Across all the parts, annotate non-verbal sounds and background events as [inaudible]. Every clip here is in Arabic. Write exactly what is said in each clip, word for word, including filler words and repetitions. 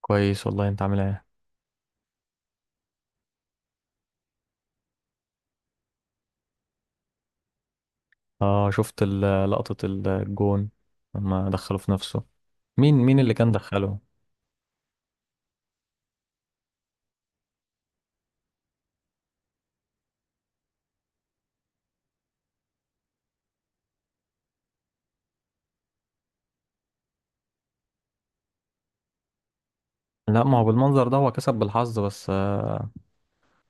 كويس والله. انت عامل ايه؟ اه شفت ال- لقطة الجون لما دخله في نفسه. مين مين اللي كان دخله؟ لا، ما هو بالمنظر ده هو كسب بالحظ بس، آه،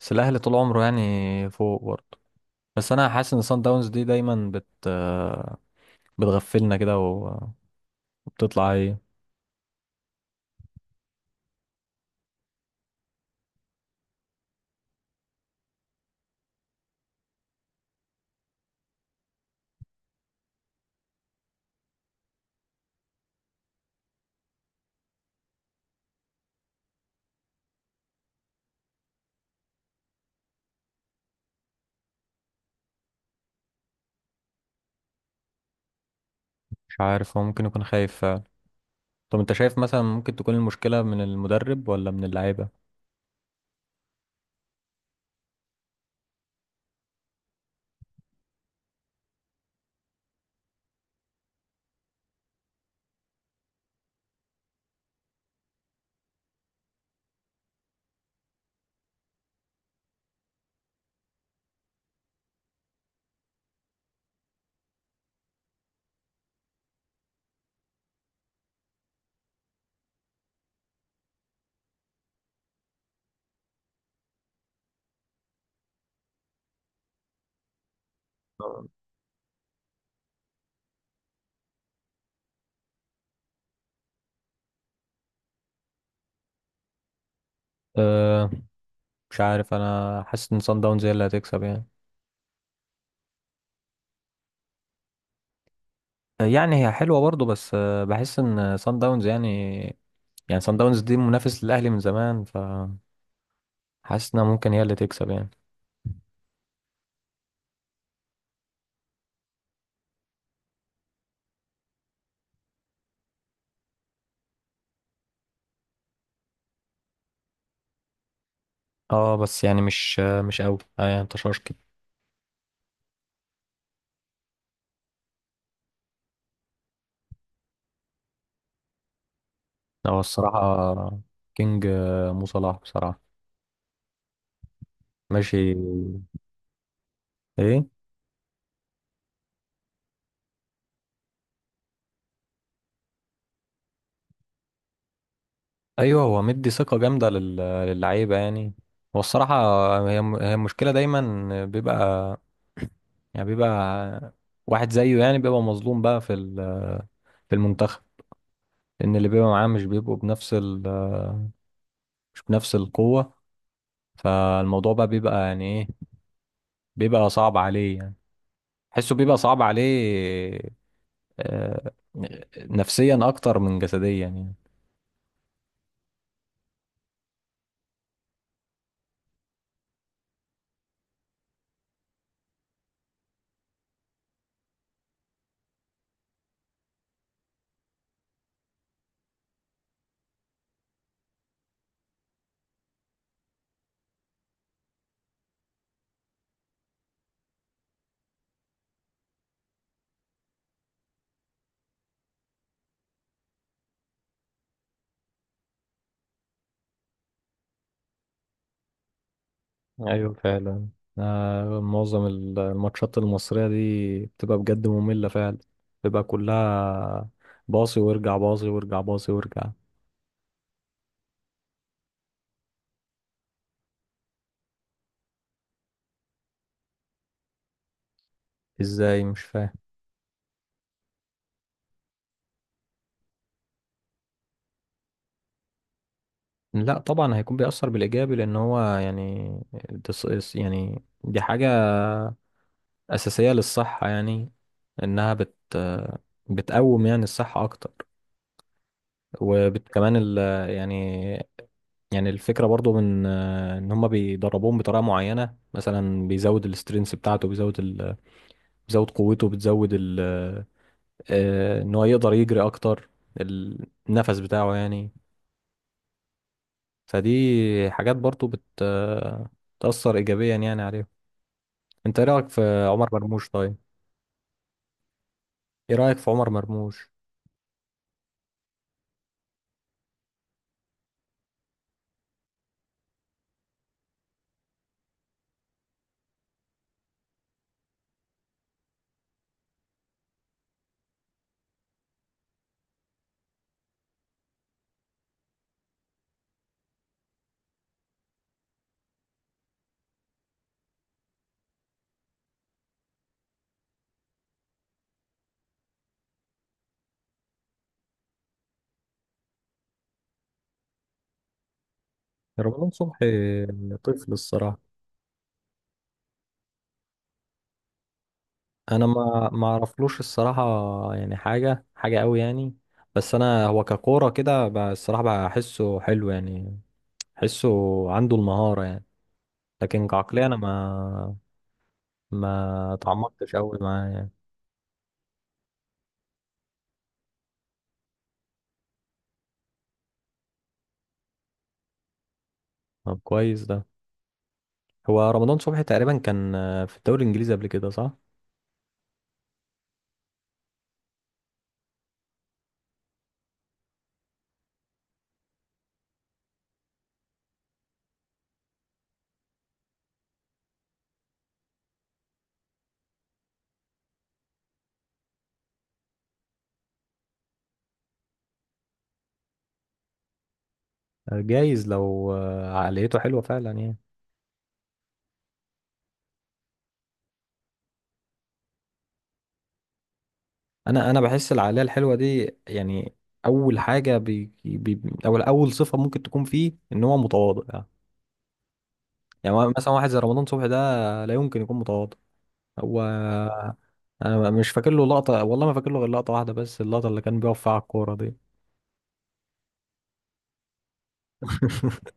بس الاهلي طول عمره يعني فوق برضه. بس انا حاسس ان سان داونز دي دايما بت آه، بتغفلنا كده و- وبتطلع ايه. مش عارف، هو ممكن يكون خايف فعلا. طب انت شايف مثلا ممكن تكون المشكلة من المدرب ولا من اللعيبة؟ أه مش عارف، انا حاسس ان سان داونز هي اللي هتكسب يعني. يعني هي حلوة برضو، بس آه، بحس ان سان داونز يعني، يعني سان داونز دي منافس للأهلي من زمان، فحاسس انها ممكن هي اللي تكسب يعني. اه بس يعني مش آه، مش قوي آه يعني انتشار كده. هو الصراحة كينج، آه، مو صلاح بصراحة. ماشي. ايه. ايوه هو مدي ثقة جامدة لل- للعيبة يعني. هو الصراحة هي م- هي المشكلة دايما بيبقى، يعني بيبقى واحد زيه، يعني بيبقى مظلوم بقى في ال- في المنتخب. ان اللي بيبقى معاه مش بيبقوا بنفس مش بنفس القوة. فالموضوع بقى بيبقى يعني ايه، بيبقى صعب عليه يعني، حسه بيبقى صعب عليه، آه، نفسيا اكتر من جسديا يعني. ايوه فعلا. آه، معظم الماتشات المصرية دي بتبقى بجد مملة فعلا، بتبقى كلها باصي وارجع، باصي وارجع، باصي وارجع. ازاي؟ مش فاهم. لا طبعا هيكون بيأثر بالإيجابي، لأن هو يعني دس- يعني دي حاجة أساسية للصحة يعني، إنها بت بتقوم يعني الصحة أكتر. وكمان ال، يعني، يعني الفكرة برضو من آه، إن هما بيدربوهم بطريقة معينة، مثلا بيزود السترينث بتاعته، بيزود ال... بيزود قوته، بتزود ال... آه، إن هو يقدر يجري أكتر، النفس بتاعه يعني. فدي حاجات برضو بت آه، تأثر إيجابيا يعني عليهم. أنت إيه رأيك في عمر مرموش طيب؟ إيه رأيك في عمر مرموش؟ رمضان صبحي طفل الصراحة. انا ما ما اعرفلوش الصراحه يعني، حاجه حاجه قوي يعني. بس انا هو ككوره كده ب- الصراحه بحسه حلو يعني، بحسه عنده المهاره يعني، لكن كعقليه انا ما ما اتعمقتش قوي معاه يعني. طب كويس ده. هو رمضان صبحي تقريبا كان، آه، في الدوري الانجليزي قبل كده، صح؟ آه، جايز لو آه، عقليته حلوه فعلا يعني. انا انا بحس العقليه الحلوه دي يعني، اول حاجه بي بي او اول صفه ممكن تكون فيه ان هو متواضع. يعني مثلا واحد زي رمضان صبحي ده لا يمكن يكون متواضع. هو انا مش فاكر له لقطه، والله ما فاكر له غير لقطه واحده، بس اللقطه اللي كان بيقف فيها على الكوره دي. [laughs]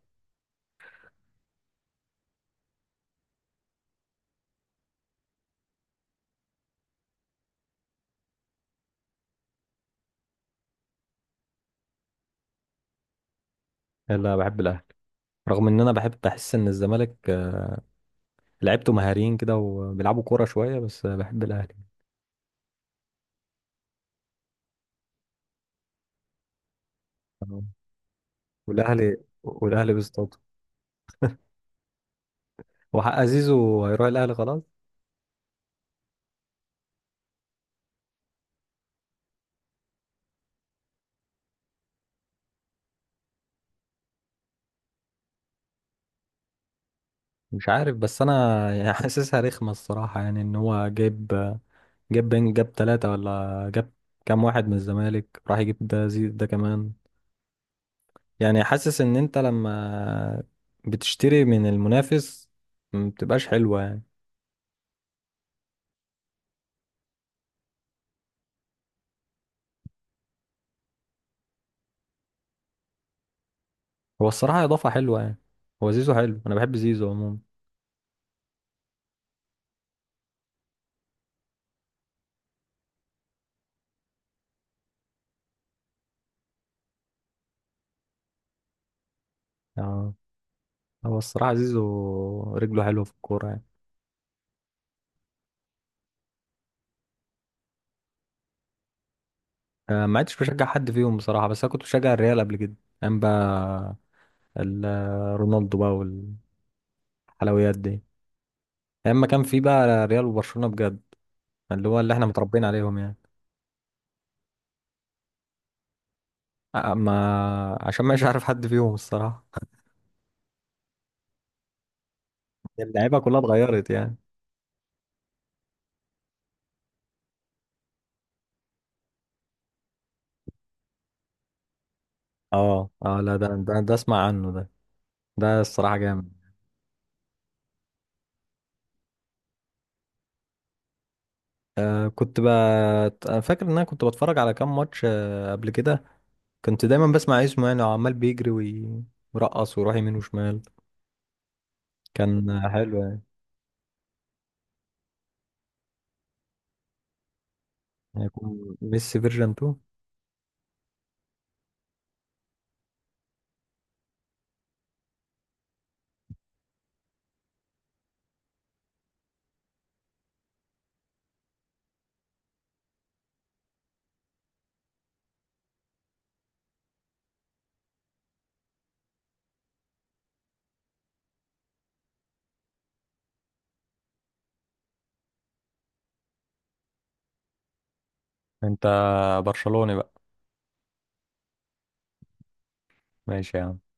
لا، بحب الاهلي. رغم ان انا بحب بحس ان الزمالك، آه، لعيبته مهاريين كده وبيلعبوا كوره شويه، بس آه، بحب الاهلي. آه. والاهلي، والاهلي بيستضيف، وحق زيزو هيروح الاهلي خلاص. مش عارف، بس انا يعني [laughs] حاسسها رخمه الصراحه، يعني ان هو جايب آه، جاب بين جاب ثلاثة، ولا جاب كام واحد من الزمالك راح يجيب ده، زيد ده كمان. يعني حاسس ان انت لما بتشتري من المنافس ما بتبقاش حلوة يعني. هو الصراحة اضافة حلوة يعني، هو زيزو حلو، انا بحب زيزو عموما. يعني هو الصراحة زيزو رجله حلوة في الكورة يعني. آه، ما عدتش بشجع حد فيهم بصراحة، بس انا كنت بشجع الريال قبل كده، ايام بقى ال- آه، رونالدو بقى والحلويات دي، ايام ما كان في بقى ريال وبرشلونة بجد، اللي هو اللي احنا متربيين عليهم يعني. أ- ما عشان مش عارف حد فيهم الصراحة. [laughs] اللعيبة كلها اتغيرت يعني. اه اه، لا ده ده, ده اسمع عنه ده، ده الصراحة جامد. آه كنت بت... أنا فاكر ان انا كنت بتفرج على كام ماتش آه قبل كده، كنت دايما بسمع إيه اسمه، يعني عمال بيجري وي- ويرقص ويروح يمين وشمال، كان آه، حلو يعني. هيكون ميسي فيرجن اتنين. انت برشلوني بقى. ماشي يا عم.